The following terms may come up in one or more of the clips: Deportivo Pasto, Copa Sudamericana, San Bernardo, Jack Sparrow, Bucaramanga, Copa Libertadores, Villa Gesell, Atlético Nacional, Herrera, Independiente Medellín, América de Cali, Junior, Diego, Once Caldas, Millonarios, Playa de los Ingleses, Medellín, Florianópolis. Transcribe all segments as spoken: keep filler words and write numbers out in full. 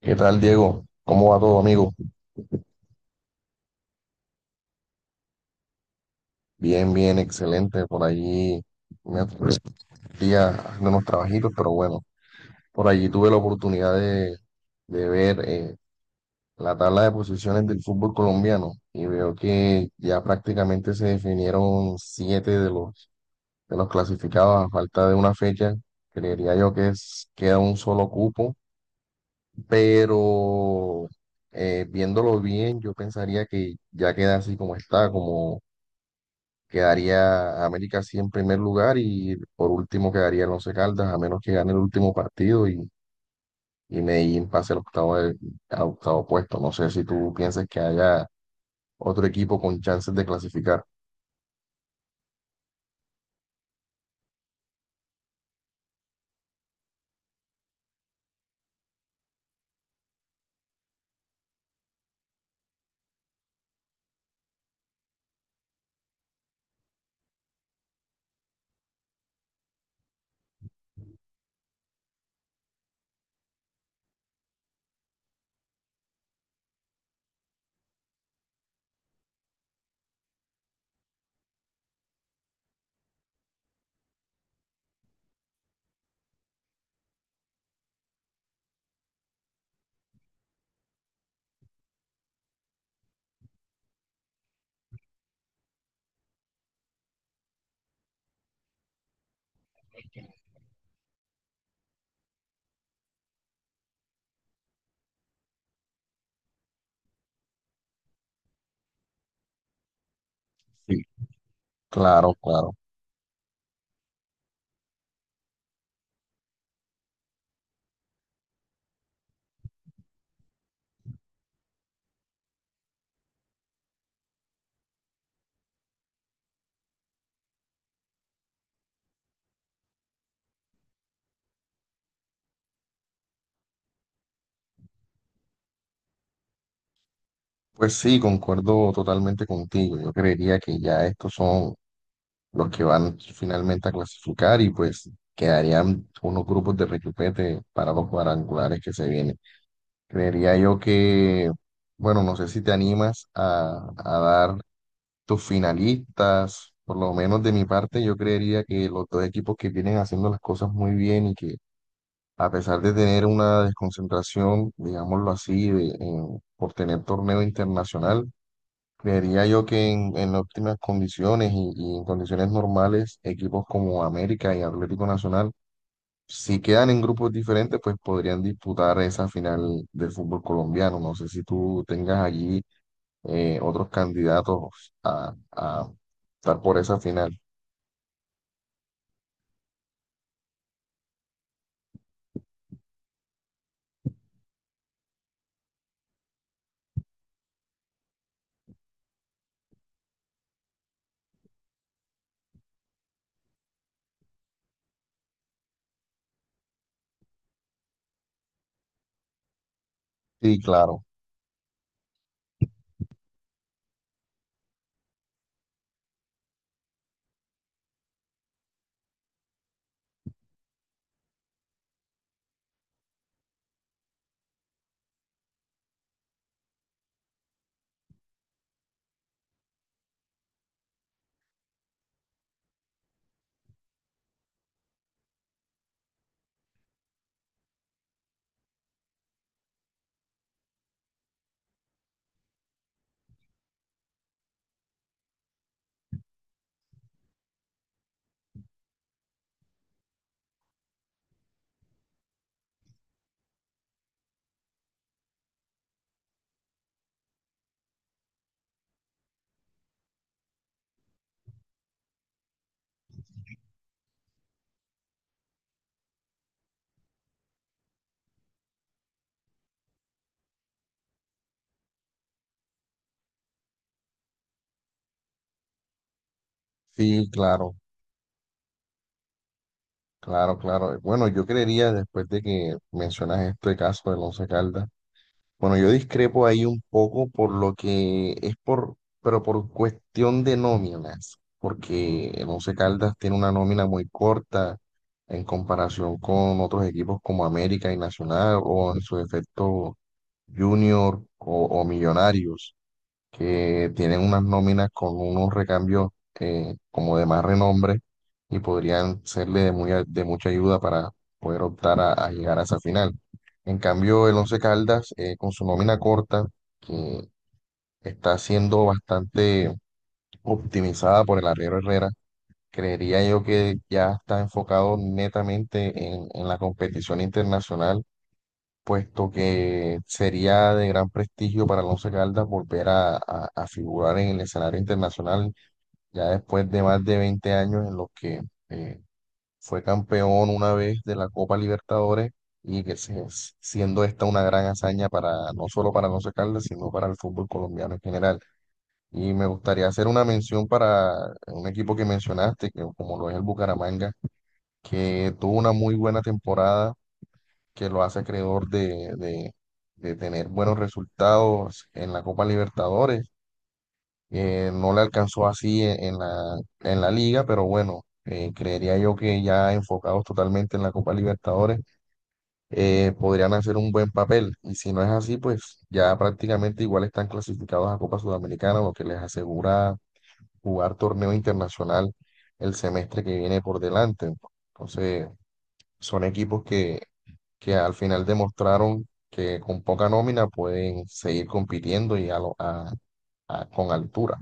¿Qué tal, Diego? ¿Cómo va todo, amigo? Bien, bien, excelente. Por allí me día haciendo unos trabajitos, pero bueno, por allí tuve la oportunidad de, de ver eh, la tabla de posiciones del fútbol colombiano y veo que ya prácticamente se definieron siete de los, de los clasificados a falta de una fecha. Creería yo que es, queda un solo cupo, pero eh, viéndolo bien, yo pensaría que ya queda así como está, como quedaría América sí en primer lugar y por último quedaría el Once Caldas, a menos que gane el último partido y, y Medellín pase al octavo, de- al octavo puesto. No sé si tú piensas que haya otro equipo con chances de clasificar. Sí. Claro, claro. Pues sí, concuerdo totalmente contigo. Yo creería que ya estos son los que van finalmente a clasificar y pues quedarían unos grupos de requipete para los cuadrangulares que se vienen. Creería yo que, bueno, no sé si te animas a, a dar tus finalistas, por lo menos de mi parte, yo creería que los dos equipos que vienen haciendo las cosas muy bien y que a pesar de tener una desconcentración, digámoslo así, de- en- por tener torneo internacional, creería yo que en, en óptimas condiciones y, y en condiciones normales, equipos como América y Atlético Nacional si quedan en grupos diferentes, pues podrían disputar esa final del fútbol colombiano. No sé si tú tengas allí eh, otros candidatos a, a estar por esa final. Sí, claro, sí, claro, claro, claro. Bueno, yo creería, después de que mencionas este caso del Once Caldas, bueno, yo discrepo ahí un poco por lo que es por, pero por cuestión de nóminas, porque el Once Caldas tiene una nómina muy corta en comparación con otros equipos como América y Nacional o en su defecto Junior o, o Millonarios que tienen unas nóminas con unos recambios eh, como de más renombre y podrían serle de, muy, a- de mucha ayuda para poder optar a, a llegar a esa final. En cambio, el Once Caldas, eh, con su nómina corta, que está siendo bastante optimizada por el arriero Herrera, creería yo que ya está enfocado netamente en en la competición internacional puesto que sería de gran prestigio para el Once Caldas volver a, a- a figurar en el escenario internacional ya después de más de veinte años en los que eh, fue campeón una vez de la Copa Libertadores y que se- siendo esta una gran hazaña para no solo para el Once Caldas, sino para el fútbol colombiano en general. Y me gustaría hacer una mención para un equipo que mencionaste, que como lo es el Bucaramanga, que tuvo una muy buena temporada que lo hace acreedor de, de- de tener buenos resultados en la Copa Libertadores. Eh, no le alcanzó así en, en la, en la liga, pero bueno, eh, creería yo que ya enfocados totalmente en la Copa Libertadores, eh, podrían hacer un buen papel. Y si no es así, pues ya prácticamente igual están clasificados a Copa Sudamericana, lo que les asegura jugar torneo internacional el semestre que viene por delante. Entonces... son equipos que, que al final demostraron que con poca nómina pueden seguir compitiendo y a lo- a- a- con altura.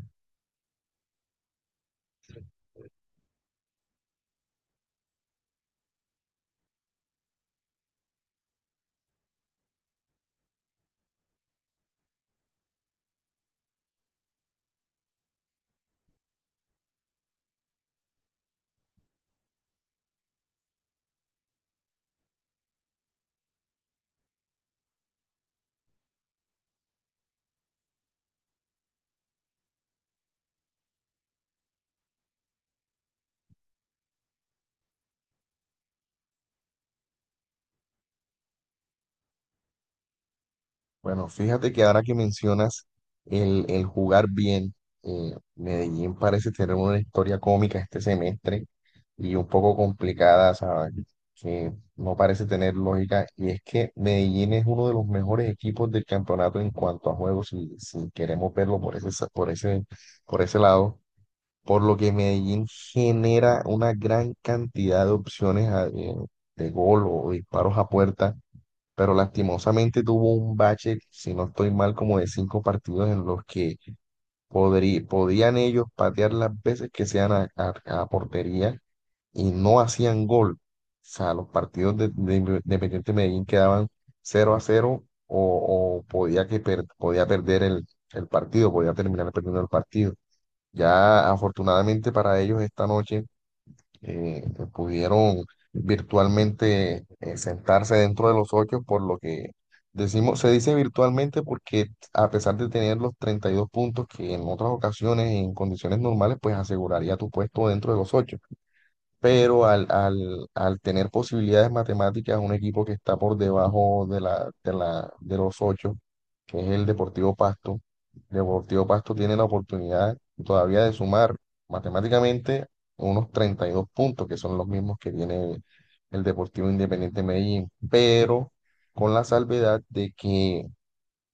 Bueno, fíjate que ahora que mencionas el, el jugar bien, eh, Medellín parece tener una historia cómica este semestre y un poco complicada, ¿sabes? Que no parece tener lógica. Y es que Medellín es uno de los mejores equipos del campeonato en cuanto a juegos, si, si queremos verlo por ese, por ese, por ese lado por lo que Medellín genera una gran cantidad de opciones a- eh, de gol o disparos a puerta, pero lastimosamente tuvo un bache, si no estoy mal, como de cinco partidos en los que podrí- podían ellos patear las veces que sean a, a- a portería y no hacían gol. O sea, los partidos de, de Independiente Medellín quedaban cero a cero o, o podía, que per- podía perder el, el partido, podía terminar perdiendo el partido. Ya afortunadamente para ellos esta noche eh, pudieron virtualmente eh, sentarse dentro de los ocho, por lo que decimos, se dice virtualmente porque a pesar de tener los treinta y dos puntos que en otras ocasiones, en condiciones normales, pues aseguraría tu puesto dentro de los ocho pero al, al, al tener posibilidades matemáticas, un equipo que está por debajo de la, de la, de los ocho, que es el Deportivo Pasto, Deportivo Pasto tiene la oportunidad todavía de sumar matemáticamente unos treinta y dos puntos, que son los mismos que tiene el Deportivo Independiente Medellín, pero con la salvedad de que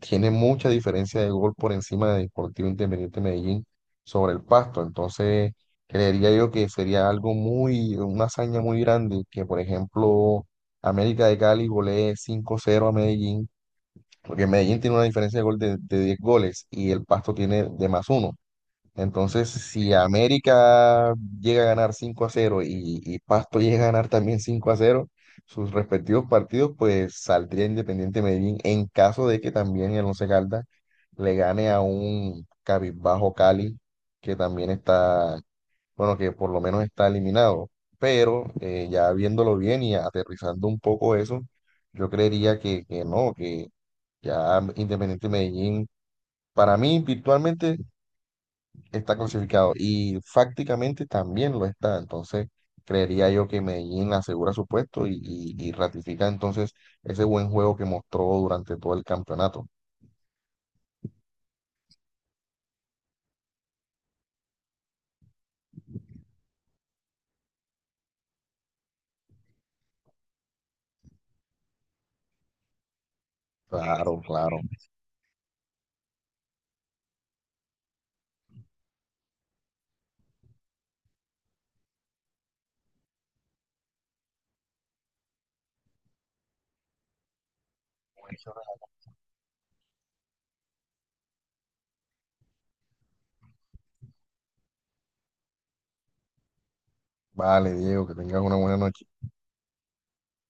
tiene mucha diferencia de gol por encima de Deportivo Independiente Medellín sobre el Pasto. Entonces, creería yo que sería algo muy, una hazaña muy grande que, por ejemplo, América de Cali golee cinco cero a Medellín, porque Medellín tiene una diferencia de gol de, de diez goles y el Pasto tiene de más uno. Entonces, si América llega a ganar cinco a cero y, y Pasto llega a ganar también cinco a cero sus respectivos partidos, pues saldría Independiente Medellín en caso de que también el Once Caldas le gane a un Cabizbajo Cali, que también está, bueno, que por lo menos está eliminado. Pero eh, ya viéndolo bien y aterrizando un poco eso, yo creería que, que no, que ya Independiente Medellín, para mí, virtualmente está clasificado y prácticamente también lo está. Entonces, creería yo que Medellín asegura su puesto y, y- y ratifica entonces ese buen juego que mostró durante todo el campeonato. Claro, claro. Vale, Diego, que tengas una buena noche.